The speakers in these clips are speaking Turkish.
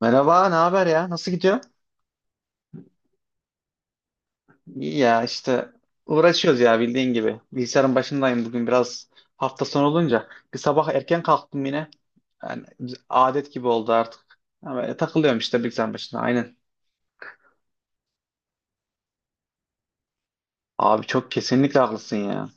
Merhaba, ne haber ya? Nasıl gidiyor? İyi ya işte uğraşıyoruz ya bildiğin gibi. Bilgisayarın başındayım bugün biraz hafta sonu olunca. Bir sabah erken kalktım yine. Yani adet gibi oldu artık. Ama takılıyorum işte bilgisayarın başında. Aynen. Abi çok kesinlikle haklısın ya.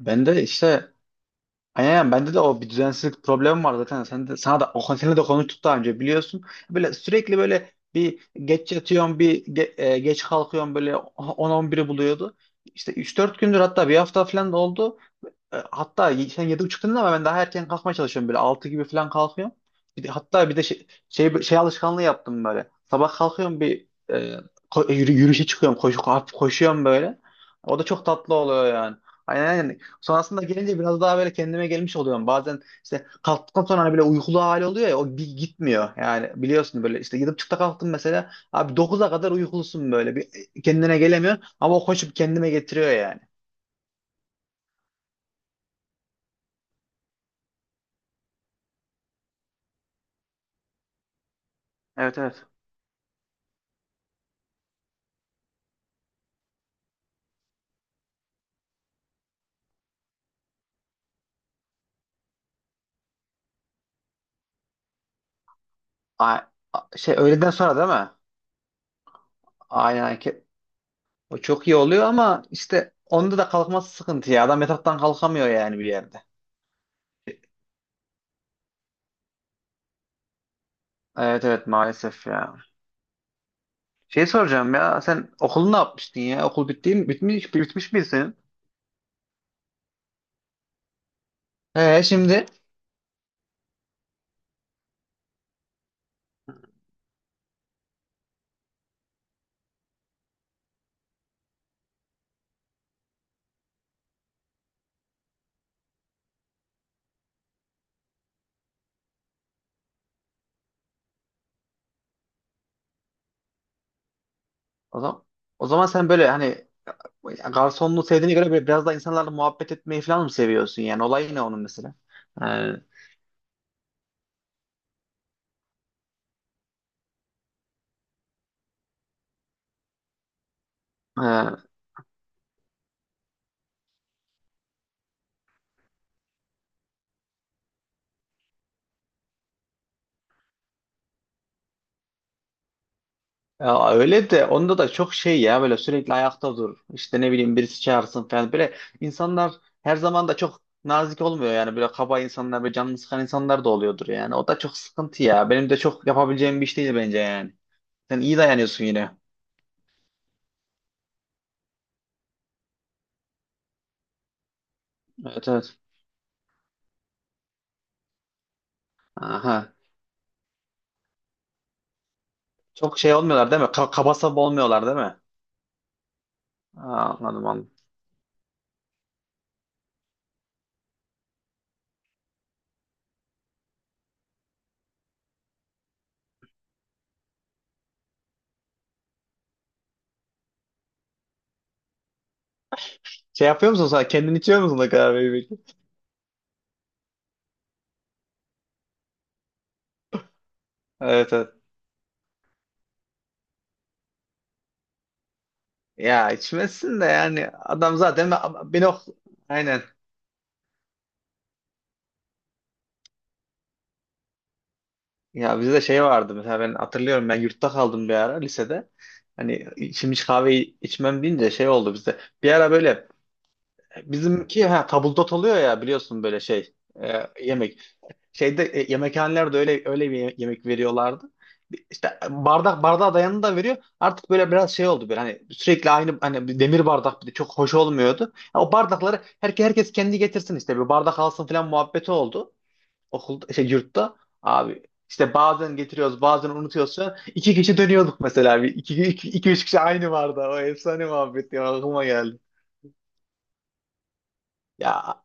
Ben de işte aynen bende de o bir düzensizlik problemi var zaten. Sen de, sana da o seni de konuştuk daha önce biliyorsun. Böyle sürekli böyle bir geç yatıyorum, bir geç kalkıyorum böyle on-on biri buluyordu. İşte üç dört gündür hatta bir hafta falan da oldu. Hatta sen 7.30 dedin ama ben daha erken kalkmaya çalışıyorum böyle 6 gibi falan kalkıyorum. Bir de, hatta bir de şey alışkanlığı yaptım böyle. Sabah kalkıyorum bir yürüyüşe çıkıyorum koşu, hafif koşuyorum böyle. O da çok tatlı oluyor yani. Aynen aynen. Sonrasında gelince biraz daha böyle kendime gelmiş oluyorum. Bazen işte kalktıktan sonra hani böyle uykulu hali oluyor ya o bir gitmiyor. Yani biliyorsun böyle işte 7.30'ta kalktım mesela. Abi 9'a kadar uykulusun böyle bir kendine gelemiyorsun ama o koşup kendime getiriyor yani. Evet evet. A- Şey öğleden sonra değil mi? Aynen hareket. O çok iyi oluyor ama işte onda da kalkması sıkıntı ya. Adam yataktan kalkamıyor yani bir yerde. Evet evet maalesef ya. Şey soracağım ya sen okulu ne yapmıştın ya? Okul bitti mi? Bitmiş mi senin? Şimdi? O zaman, o zaman, sen böyle hani garsonluğu sevdiğine göre böyle biraz daha insanlarla muhabbet etmeyi falan mı seviyorsun yani? Olay ne onun mesela? Ee, Ya öyle de onda da çok şey ya böyle sürekli ayakta dur. İşte ne bileyim birisi çağırsın falan. Böyle insanlar her zaman da çok nazik olmuyor yani böyle kaba insanlar böyle canını sıkan insanlar da oluyordur yani. O da çok sıkıntı ya. Benim de çok yapabileceğim bir iş değil bence yani. Sen iyi dayanıyorsun yine. Evet evet. Aha. Çok şey olmuyorlar değil mi? Kaba saba olmuyorlar değil mi? Aa, anladım anladım. Şey yapıyor musun sen? Kendin içiyor musun da kahveyi peki? Evet evet. Ya içmezsin de yani adam zaten beni ok- aynen. Ya bizde şey vardı mesela ben hatırlıyorum ben yurtta kaldım bir ara lisede. Hani şimdi hiç kahve içmem deyince şey oldu bizde. Bir ara böyle bizimki ha, tabuldot oluyor ya biliyorsun böyle şey yemek. Şeyde yemekhanelerde öyle öyle bir yemek veriyorlardı. İşte bardak bardağa dayanını da veriyor. Artık böyle biraz şey oldu böyle hani sürekli aynı hani bir demir bardak bir de çok hoş olmuyordu. Ya o bardakları herkes kendi getirsin işte bir bardak alsın falan muhabbeti oldu okulda şey yurtta abi işte bazen getiriyoruz bazen unutuyoruz falan. İki kişi dönüyorduk mesela bir iki, iki üç kişi aynı vardı o efsane muhabbet ya aklıma geldi. Ya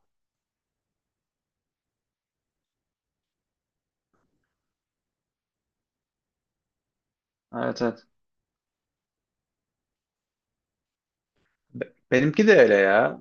evet evet. Benimki de öyle ya.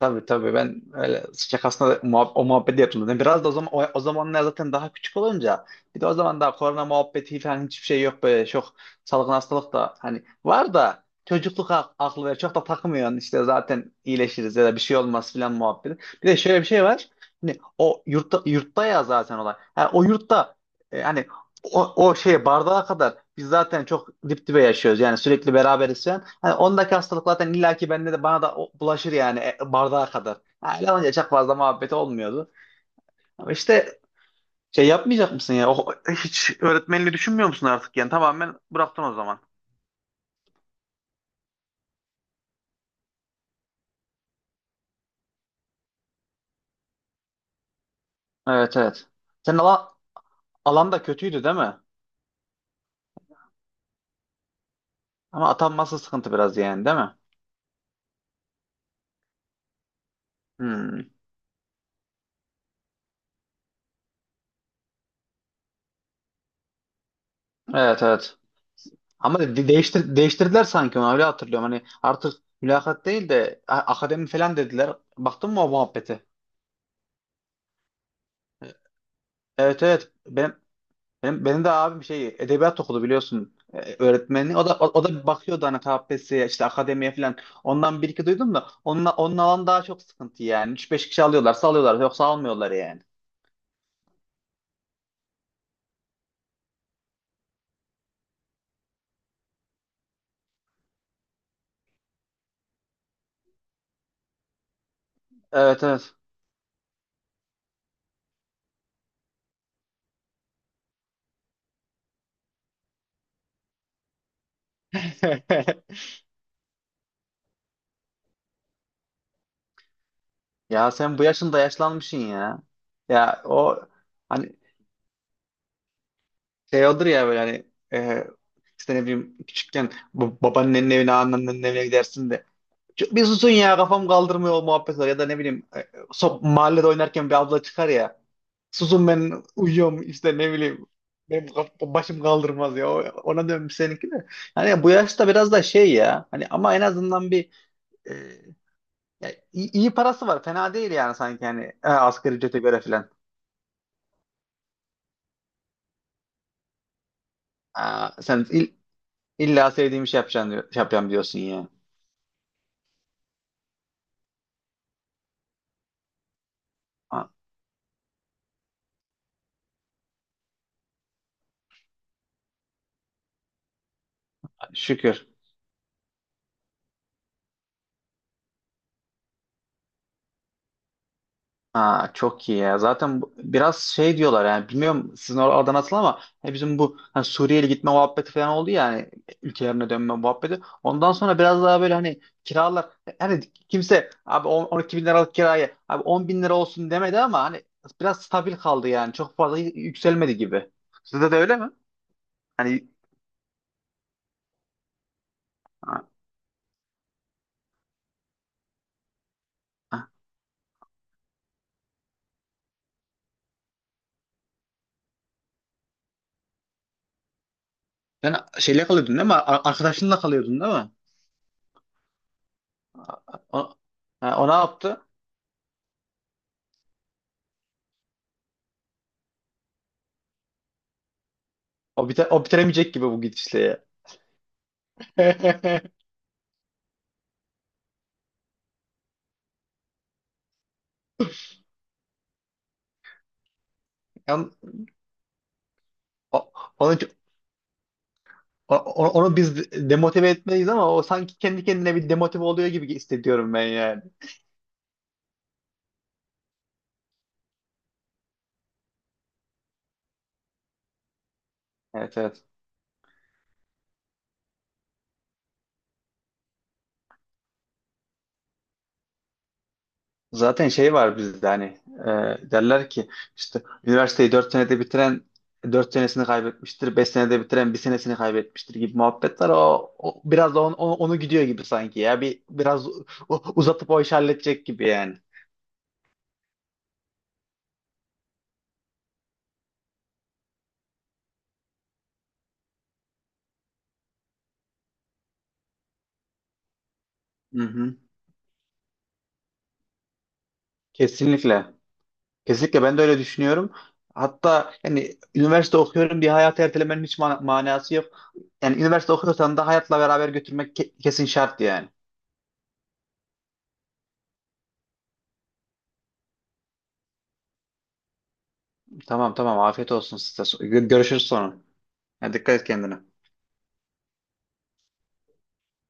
Tabii tabii ben öyle şakasına da muhab o muhabbeti yapıldı. Yani biraz da o zaman o zamanlar zaten daha küçük olunca bir de o zaman daha korona muhabbeti falan hiçbir şey yok böyle çok salgın hastalık da hani var da çocukluk aklı ve çok da takmıyorsun işte zaten iyileşiriz ya da bir şey olmaz filan muhabbeti. Bir de şöyle bir şey var. Hani o yurtta, yurtta ya zaten olay. Ha, o yurtta hani o şeye bardağa kadar biz zaten çok dip dibe yaşıyoruz yani sürekli beraberiz falan. Hani ondaki hastalık zaten illaki bende de bana da bulaşır yani bardağa kadar. Ha, öyle olunca çok fazla muhabbet olmuyordu. Ama işte şey yapmayacak mısın ya? O, hiç öğretmenliği düşünmüyor musun artık yani? Tamamen bıraktın o zaman. Evet evet. Senin alan da kötüydü değil mi? Ama atanması sıkıntı biraz yani değil mi? Hmm. Evet evet. Ama değiştirdiler sanki onu öyle hatırlıyorum. Hani artık mülakat değil de akademi falan dediler. Baktın mı o muhabbete? Evet evet. Benim de abim şey edebiyat okudu biliyorsun. Öğretmeni. O da o da bir bakıyordu hani KPSS'ye işte akademiye falan. Ondan bir iki duydum da onun alan daha çok sıkıntı yani. Üç beş kişi alıyorlarsa alıyorlar yoksa almıyorlar yani. Evet evet. Ya sen bu yaşında yaşlanmışsın ya. Ya o hani şey olur ya böyle hani e, işte ne bileyim küçükken bu babaannenin evine anneannenin evine gidersin de bir susun ya kafam kaldırmıyor o muhabbet var ya da ne bileyim mahallede oynarken bir abla çıkar ya susun ben uyuyorum işte ne bileyim benim başım kaldırmaz ya ona dönmüş seninki de hani bu yaşta biraz da şey ya hani ama en azından bir e, ya iyi, iyi parası var fena değil yani sanki hani asgari ücrete göre filan. Aa, sen illa sevdiğim şey yapacaksın diyor, şey yapacağım diyorsun ya. Şükür. Ha, çok iyi ya. Zaten biraz şey diyorlar yani bilmiyorum sizin orada oradan nasıl ama hani bizim bu hani Suriyeli gitme muhabbeti falan oldu ya hani ülkelerine dönme muhabbeti. Ondan sonra biraz daha böyle hani kiralar hani kimse abi 12 bin liralık kirayı abi 10 bin lira olsun demedi ama hani biraz stabil kaldı yani çok fazla yükselmedi gibi. Sizde de öyle mi? Hani ha, ha. Sen şeyle kalıyordun değil mi? Arkadaşınla kalıyordun değil mi? O, ha, o ne yaptı? O bitiremeyecek gibi bu gidişle ya. Yani o- onu, o- onu biz demotive etmeliyiz ama o sanki kendi kendine bir demotive oluyor gibi hissediyorum ben yani. Evet evet. Zaten şey var bizde hani derler ki işte üniversiteyi 4 senede bitiren 4 senesini kaybetmiştir, 5 senede bitiren bir senesini kaybetmiştir gibi muhabbetler o biraz da onu gidiyor gibi sanki ya bir biraz uzatıp o işi halledecek gibi yani. Hı hı. Kesinlikle. Kesinlikle ben de öyle düşünüyorum. Hatta yani üniversite okuyorum diye hayatı ertelemenin hiç manası yok. Yani üniversite okuyorsan da hayatla beraber götürmek kesin şart yani. Tamam tamam afiyet olsun size. Görüşürüz sonra. Yani dikkat et kendine.